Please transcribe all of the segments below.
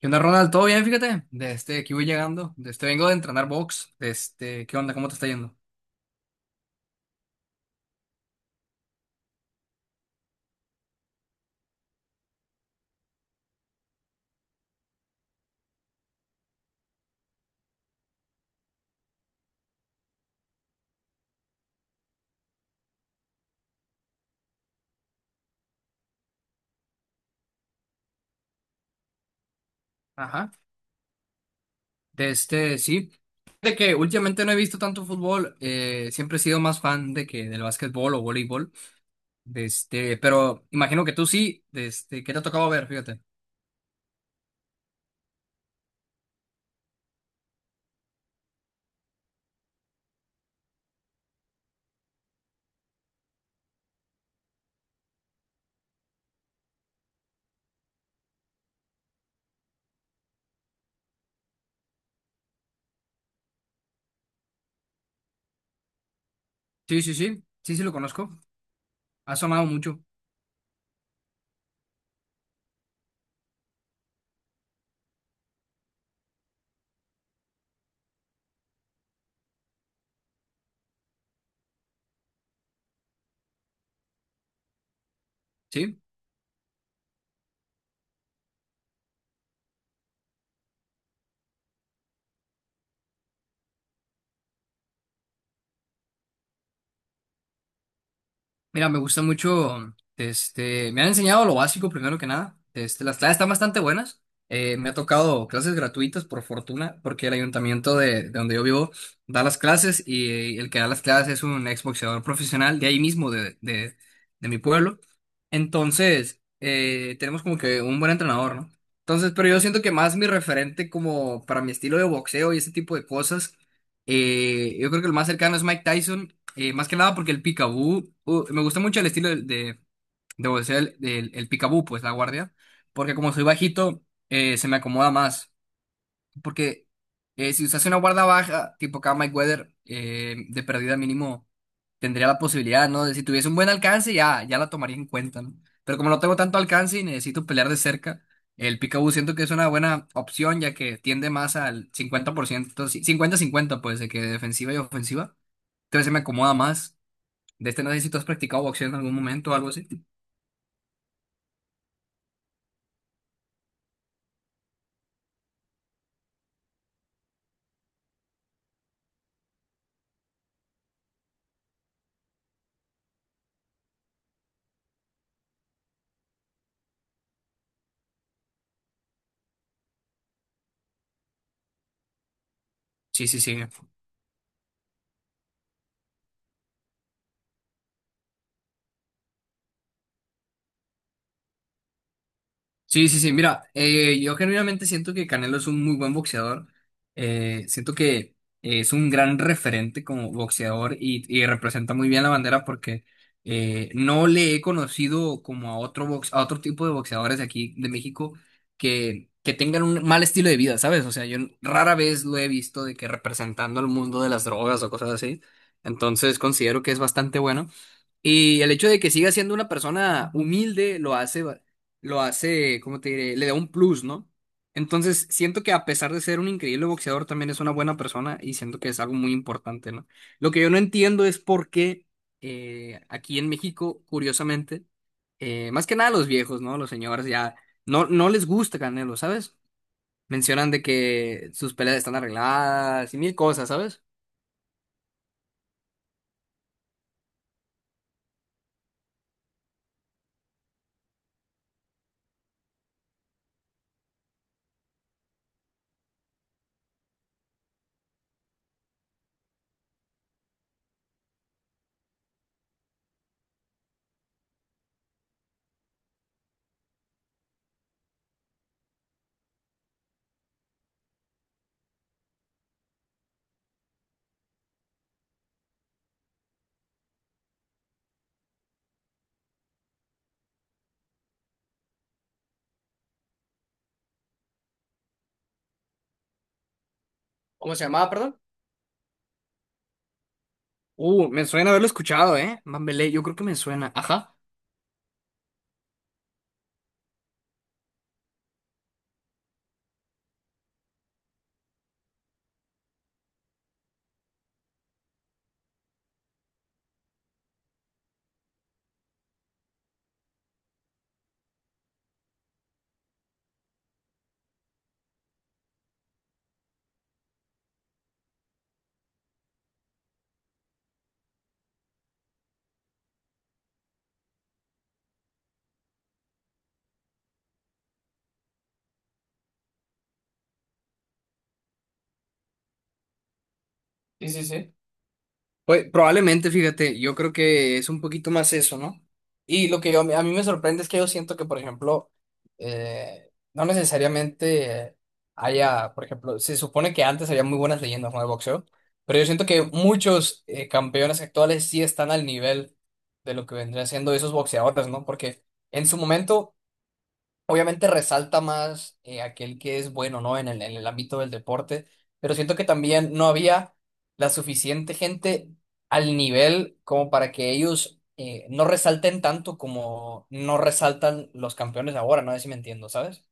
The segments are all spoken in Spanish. ¿Qué onda, Ronald? ¿Todo bien? Fíjate, aquí voy llegando. Vengo de entrenar box. ¿Qué onda? ¿Cómo te está yendo? Ajá. Sí. De que últimamente no he visto tanto fútbol. Siempre he sido más fan de que del básquetbol o voleibol. Pero imagino que tú sí. ¿Qué te ha tocado ver? Fíjate. Sí, sí, sí. Sí, sí lo conozco. Ha sonado mucho. Sí. Mira, me gusta mucho, me han enseñado lo básico primero que nada. Las clases están bastante buenas. Me ha tocado clases gratuitas por fortuna, porque el ayuntamiento de donde yo vivo da las clases, y el que da las clases es un exboxeador profesional de ahí mismo, de mi pueblo. Entonces, tenemos como que un buen entrenador, ¿no? Entonces, pero yo siento que más mi referente, como para mi estilo de boxeo y ese tipo de cosas, yo creo que el más cercano es Mike Tyson, más que nada porque el picaboo, me gusta mucho el estilo de boxeo, el picaboo, pues la guardia, porque como soy bajito, se me acomoda más. Porque si usas una guarda baja, tipo acá Mike Weather, de pérdida mínimo, tendría la posibilidad, ¿no? De si tuviese un buen alcance, ya la tomaría en cuenta, ¿no? Pero como no tengo tanto alcance y necesito pelear de cerca, el picaboo siento que es una buena opción, ya que tiende más al 50%, sí, cincuenta cincuenta pues, de que defensiva y ofensiva. Entonces se me acomoda más. De este no sé si tú has practicado boxeo en algún momento o algo así. Sí, sí, sí. Sí, sí, sí. Mira, yo genuinamente siento que Canelo es un muy buen boxeador. Siento que es un gran referente como boxeador y representa muy bien la bandera porque no le he conocido como a otro box, a otro tipo de boxeadores de aquí de México que tengan un mal estilo de vida, ¿sabes? O sea, yo rara vez lo he visto de que representando al mundo de las drogas o cosas así. Entonces considero que es bastante bueno. Y el hecho de que siga siendo una persona humilde lo hace, lo hace, ¿cómo te diré? Le da un plus, ¿no? Entonces, siento que a pesar de ser un increíble boxeador, también es una buena persona y siento que es algo muy importante, ¿no? Lo que yo no entiendo es por qué aquí en México, curiosamente, más que nada los viejos, ¿no? Los señores ya no les gusta Canelo, ¿sabes? Mencionan de que sus peleas están arregladas y mil cosas, ¿sabes? ¿Cómo se llamaba, perdón? Me suena haberlo escuchado, ¿eh? Mambelé, yo creo que me suena. Ajá. Sí, sí, sí. Pues probablemente, fíjate, yo creo que es un poquito más eso, ¿no? A mí me sorprende es que yo siento que, por ejemplo, no necesariamente haya, por ejemplo, se supone que antes había muy buenas leyendas no de boxeo, pero yo siento que muchos campeones actuales sí están al nivel de lo que vendrían siendo esos boxeadores, ¿no? Porque en su momento obviamente resalta más aquel que es bueno, ¿no? En el ámbito del deporte, pero siento que también no había la suficiente gente al nivel como para que ellos no resalten tanto como no resaltan los campeones ahora, no sé si me entiendo, ¿sabes?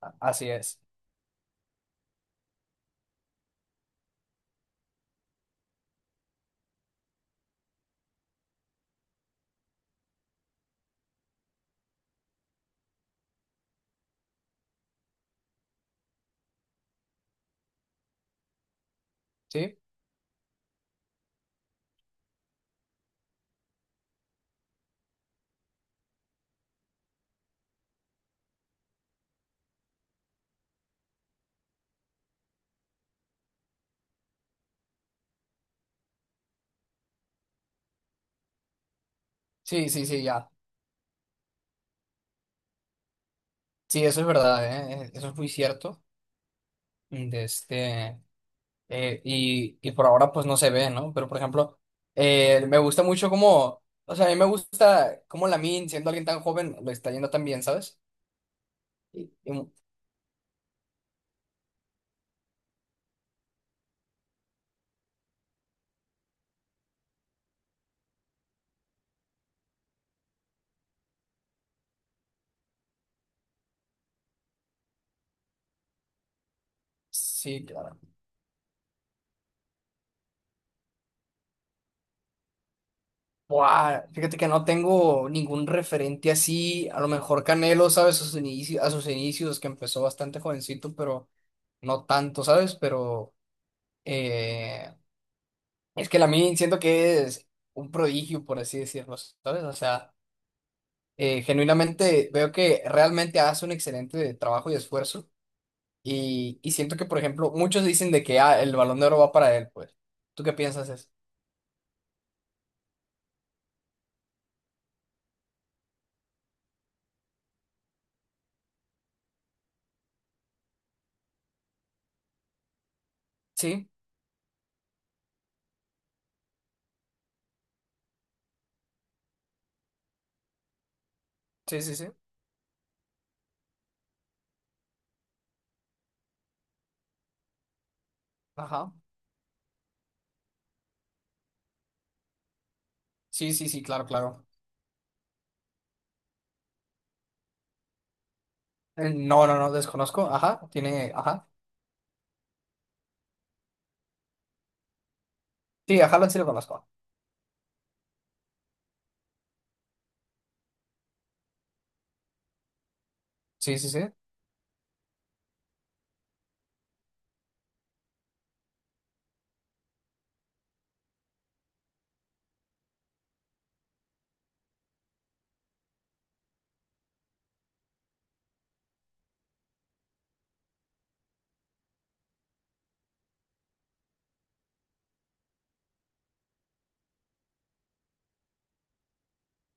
A- Así es, ¿sí? Sí, sí, sí, ya. Sí, eso es verdad, ¿eh? Eso es muy cierto. De este... y por ahora pues no se ve, ¿no? Pero por ejemplo, me gusta mucho cómo, o sea, a mí me gusta cómo Lamin, siendo alguien tan joven, lo está yendo tan bien, ¿sabes? Y, y- sí, claro. Buah, fíjate que no tengo ningún referente así, a lo mejor Canelo, ¿sabes? A sus inicios, que empezó bastante jovencito, pero no tanto, ¿sabes? Pero eh, es que Lamin siento que es un prodigio, por así decirlo, ¿sabes? O sea... genuinamente veo que realmente hace un excelente trabajo y esfuerzo. Y siento que, por ejemplo, muchos dicen de que ah, el Balón de Oro va para él, pues. ¿Tú qué piensas eso? Sí, sí, sí, sí. Ajá. Sí, sí, sí, claro, claro. No, no, no, desconozco. Ajá, tiene, ajá. Sí, ajá, sí lo conozco. Sí, sí, sí.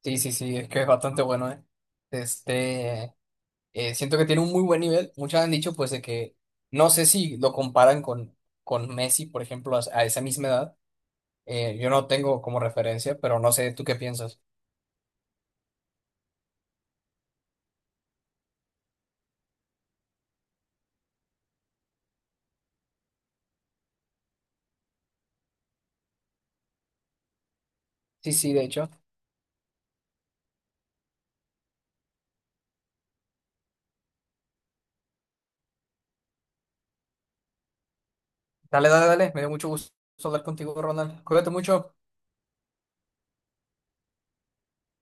Sí, sí, sí, es que es bastante bueno, ¿eh? Este, siento que tiene un muy buen nivel. Muchos han dicho, pues, de que no sé si lo comparan con Messi, por ejemplo, a esa misma edad. Yo no tengo como referencia, pero no sé tú qué piensas. Sí, sí, de hecho. Dale, dale, dale. Me dio mucho gusto hablar contigo, Ronald. Cuídate mucho.